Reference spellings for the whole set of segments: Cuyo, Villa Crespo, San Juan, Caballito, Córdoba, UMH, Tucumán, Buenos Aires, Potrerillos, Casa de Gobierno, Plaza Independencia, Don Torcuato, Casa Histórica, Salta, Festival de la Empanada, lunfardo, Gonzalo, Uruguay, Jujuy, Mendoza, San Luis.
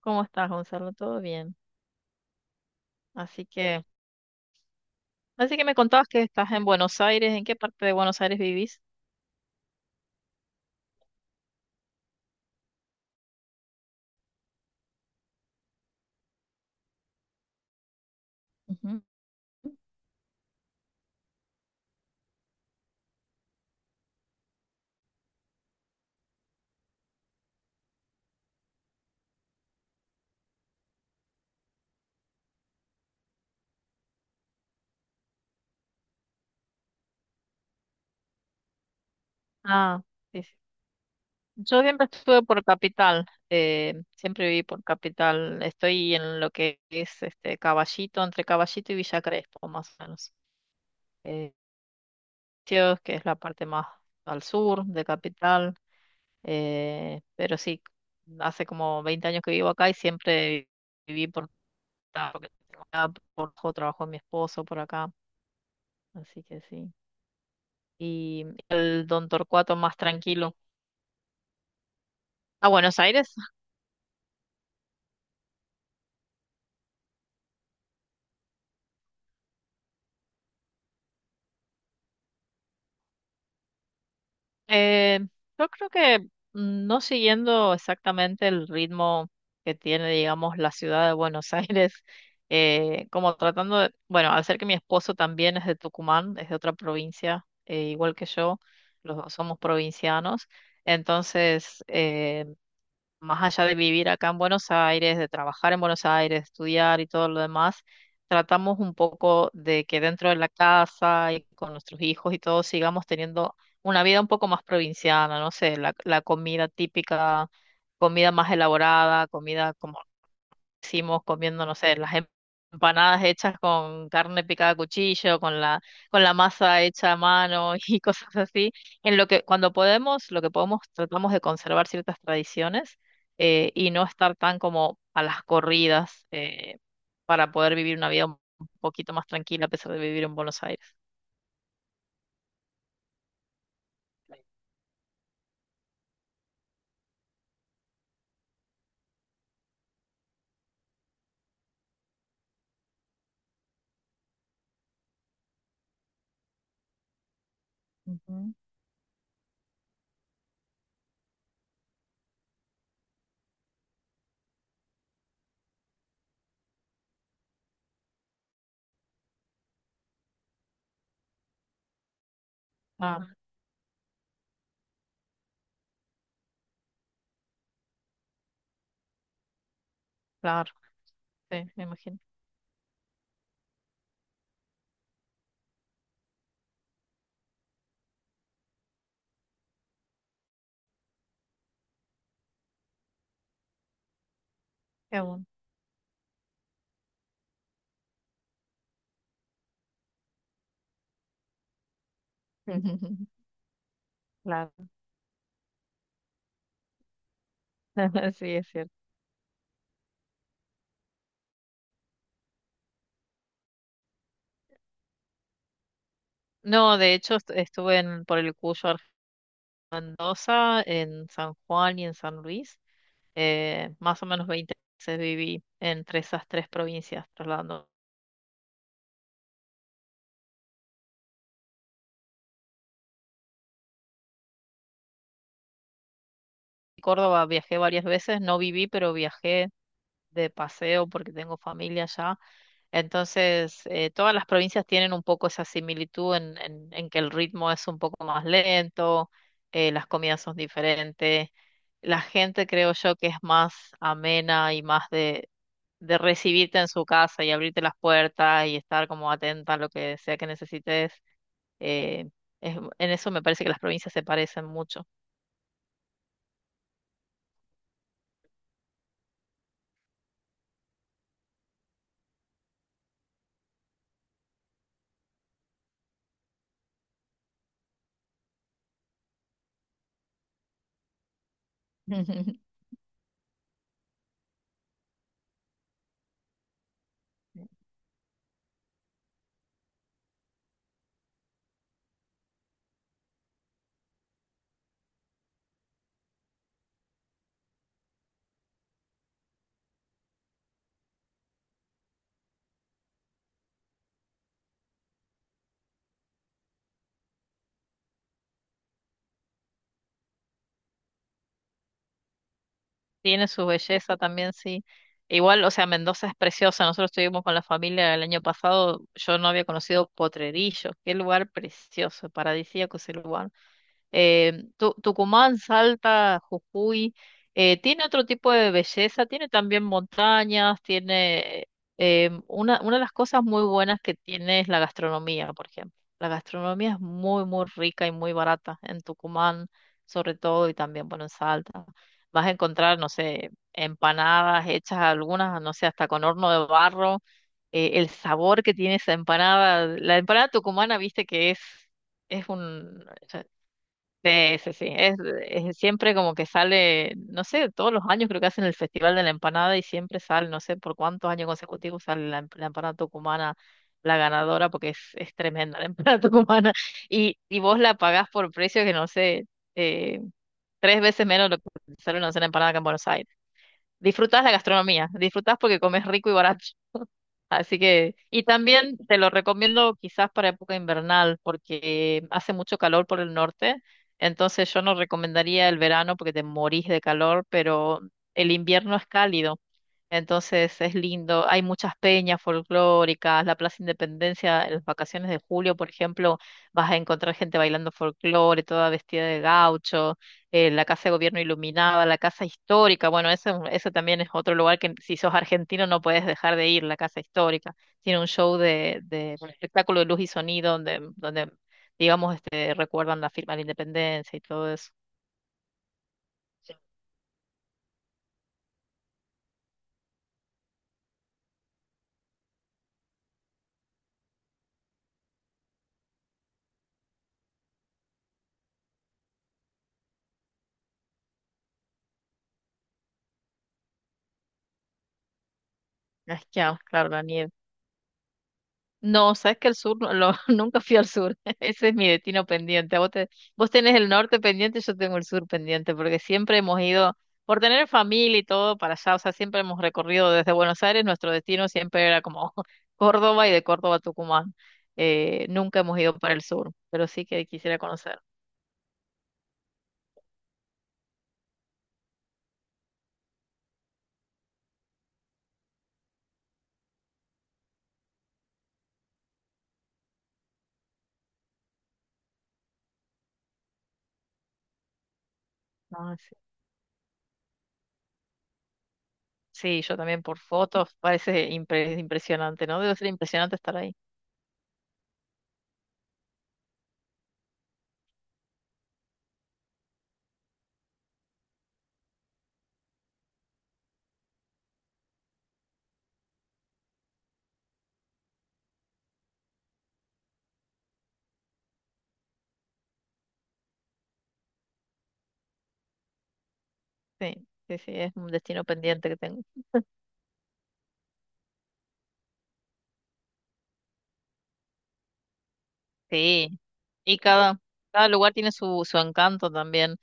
¿Cómo estás, Gonzalo? ¿Todo bien? Así que, así que me contabas que estás en Buenos Aires. ¿En qué parte de Buenos Aires vivís? Ujú. Ah, sí, sí. Yo siempre estuve por Capital, siempre viví por Capital. Estoy en lo que es este Caballito, entre Caballito y Villa Crespo, más o menos. Eh, sitios que es la parte más al sur de Capital. Pero sí, hace como 20 años que vivo acá y siempre viví por acá, porque tengo acá, por trabajo de mi esposo por acá. Así que sí. Y el Don Torcuato más tranquilo. A Buenos Aires. Eh, yo creo que no siguiendo exactamente el ritmo que tiene, digamos, la ciudad de Buenos Aires, como tratando de, bueno, al ser que mi esposo también es de Tucumán, es de otra provincia, igual que yo, los dos somos provincianos, entonces más allá de vivir acá en Buenos Aires, de trabajar en Buenos Aires, estudiar y todo lo demás, tratamos un poco de que dentro de la casa y con nuestros hijos y todo sigamos teniendo una vida un poco más provinciana, no sé, la comida típica, comida más elaborada, comida como hicimos comiendo, no sé, las empanadas hechas con carne picada a cuchillo, con la masa hecha a mano y cosas así. En lo que, cuando podemos, lo que podemos, tratamos de conservar ciertas tradiciones y no estar tan como a las corridas para poder vivir una vida un poquito más tranquila a pesar de vivir en Buenos Aires. Ujú. Ah, claro, sí, me imagino. Qué bueno. Claro, sí, es cierto. No, de hecho estuve en, por el Cuyo Mendoza, en San Juan y en San Luis. Más o menos 20 veces viví entre esas tres provincias, trasladando. Córdoba viajé varias veces, no viví, pero viajé de paseo porque tengo familia allá. Entonces, todas las provincias tienen un poco esa similitud en que el ritmo es un poco más lento, las comidas son diferentes, la gente creo yo que es más amena y más de recibirte en su casa y abrirte las puertas y estar como atenta a lo que sea que necesites. eh, en eso me parece que las provincias se parecen mucho. Tiene su belleza también, sí. Igual, o sea, Mendoza es preciosa. Nosotros estuvimos con la familia el año pasado. Yo no había conocido Potrerillos. Qué lugar precioso, paradisíaco ese lugar. Tucumán, Salta, Jujuy, tiene otro tipo de belleza, tiene también montañas, tiene una de las cosas muy buenas que tiene es la gastronomía, por ejemplo. La gastronomía es muy, muy rica y muy barata en Tucumán, sobre todo, y también, bueno, en Salta. Vas a encontrar, no sé, empanadas hechas algunas, no sé, hasta con horno de barro. El sabor que tiene esa empanada, la empanada tucumana, viste que es un... Sí, sí, sí. Es siempre como que sale, no sé, todos los años creo que hacen el Festival de la Empanada y siempre sale, no sé por cuántos años consecutivos sale la empanada tucumana, la ganadora, porque es tremenda la empanada tucumana. Y vos la pagás por precio que no sé, eh, tres veces menos lo que sale una cena de empanada acá en Buenos Aires. Disfrutás la gastronomía, disfrutás porque comes rico y barato. Así que, y también te lo recomiendo quizás para época invernal, porque hace mucho calor por el norte, entonces yo no recomendaría el verano porque te morís de calor, pero el invierno es cálido. Entonces es lindo, hay muchas peñas folclóricas, la Plaza Independencia, en las vacaciones de julio, por ejemplo, vas a encontrar gente bailando folclore, toda vestida de gaucho, la Casa de Gobierno iluminada, la Casa Histórica, bueno, eso también es otro lugar que si sos argentino no puedes dejar de ir, la Casa Histórica. Tiene un show de un espectáculo de luz y sonido donde digamos, recuerdan la firma de la independencia y todo eso. Es que, ah, claro, la nieve. No, sabes que el sur, nunca fui al sur. Ese es mi destino pendiente. Vos tenés el norte pendiente, yo tengo el sur pendiente, porque siempre hemos ido, por tener familia y todo para allá, o sea, siempre hemos recorrido desde Buenos Aires, nuestro destino siempre era como Córdoba y de Córdoba a Tucumán. Nunca hemos ido para el sur, pero sí que quisiera conocer. No, sí. Sí, yo también por fotos, parece impresionante, ¿no? Debe ser impresionante estar ahí. Sí, sí, sí, es un destino pendiente que tengo. Sí, y cada lugar tiene su encanto también.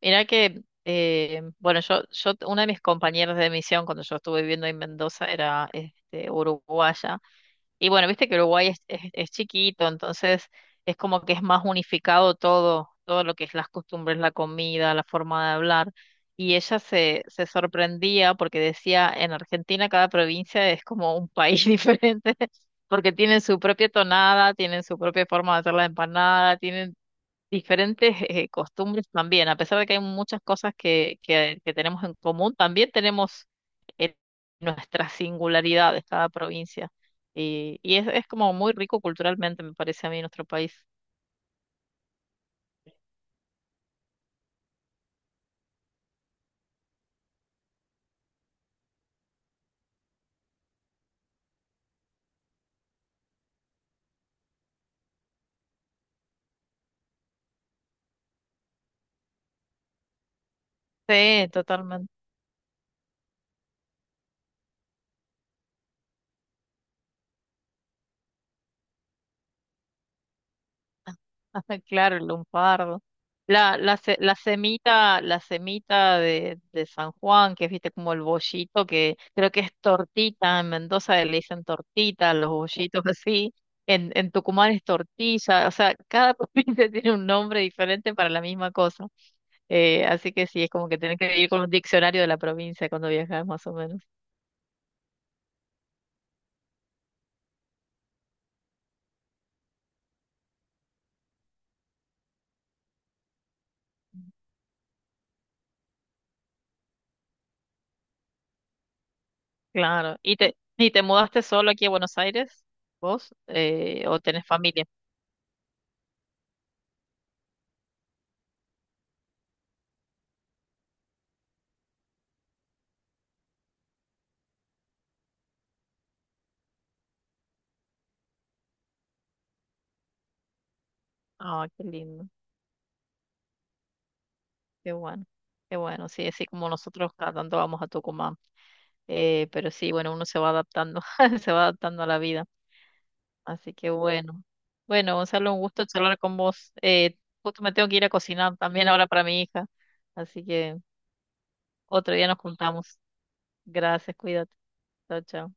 Mirá que, bueno, una de mis compañeras de misión cuando yo estuve viviendo en Mendoza era uruguaya. Y bueno, viste que Uruguay es chiquito, entonces es como que es más unificado todo lo que es las costumbres, la comida, la forma de hablar. Y ella se sorprendía porque decía, en Argentina cada provincia es como un país diferente, porque tienen su propia tonada, tienen su propia forma de hacer la empanada, tienen diferentes costumbres también, a pesar de que hay muchas cosas que tenemos en común, también tenemos eh, nuestras singularidades, cada provincia. Y es como muy rico culturalmente, me parece a mí, nuestro país. Sí, totalmente. Claro, el lunfardo. La semita, la semita de San Juan, que es, viste, como el bollito, que creo que es tortita, en Mendoza le dicen tortita, los bollitos así, en Tucumán es tortilla, o sea, cada provincia tiene un nombre diferente para la misma cosa. Así que sí, es como que tenés que ir con un diccionario de la provincia cuando viajas, más o menos. Claro. ¿Y te mudaste solo aquí a Buenos Aires, vos? ¿O tenés familia? Ah, qué lindo. Qué bueno, qué bueno, sí, así como nosotros cada tanto vamos a Tucumán, pero sí, bueno, uno se va adaptando, se va adaptando a la vida, así que bueno. Bueno, Gonzalo, un gusto charlar con vos. Justo me tengo que ir a cocinar también ahora para mi hija, así que otro día nos juntamos. Gracias, cuídate. Chao, chao.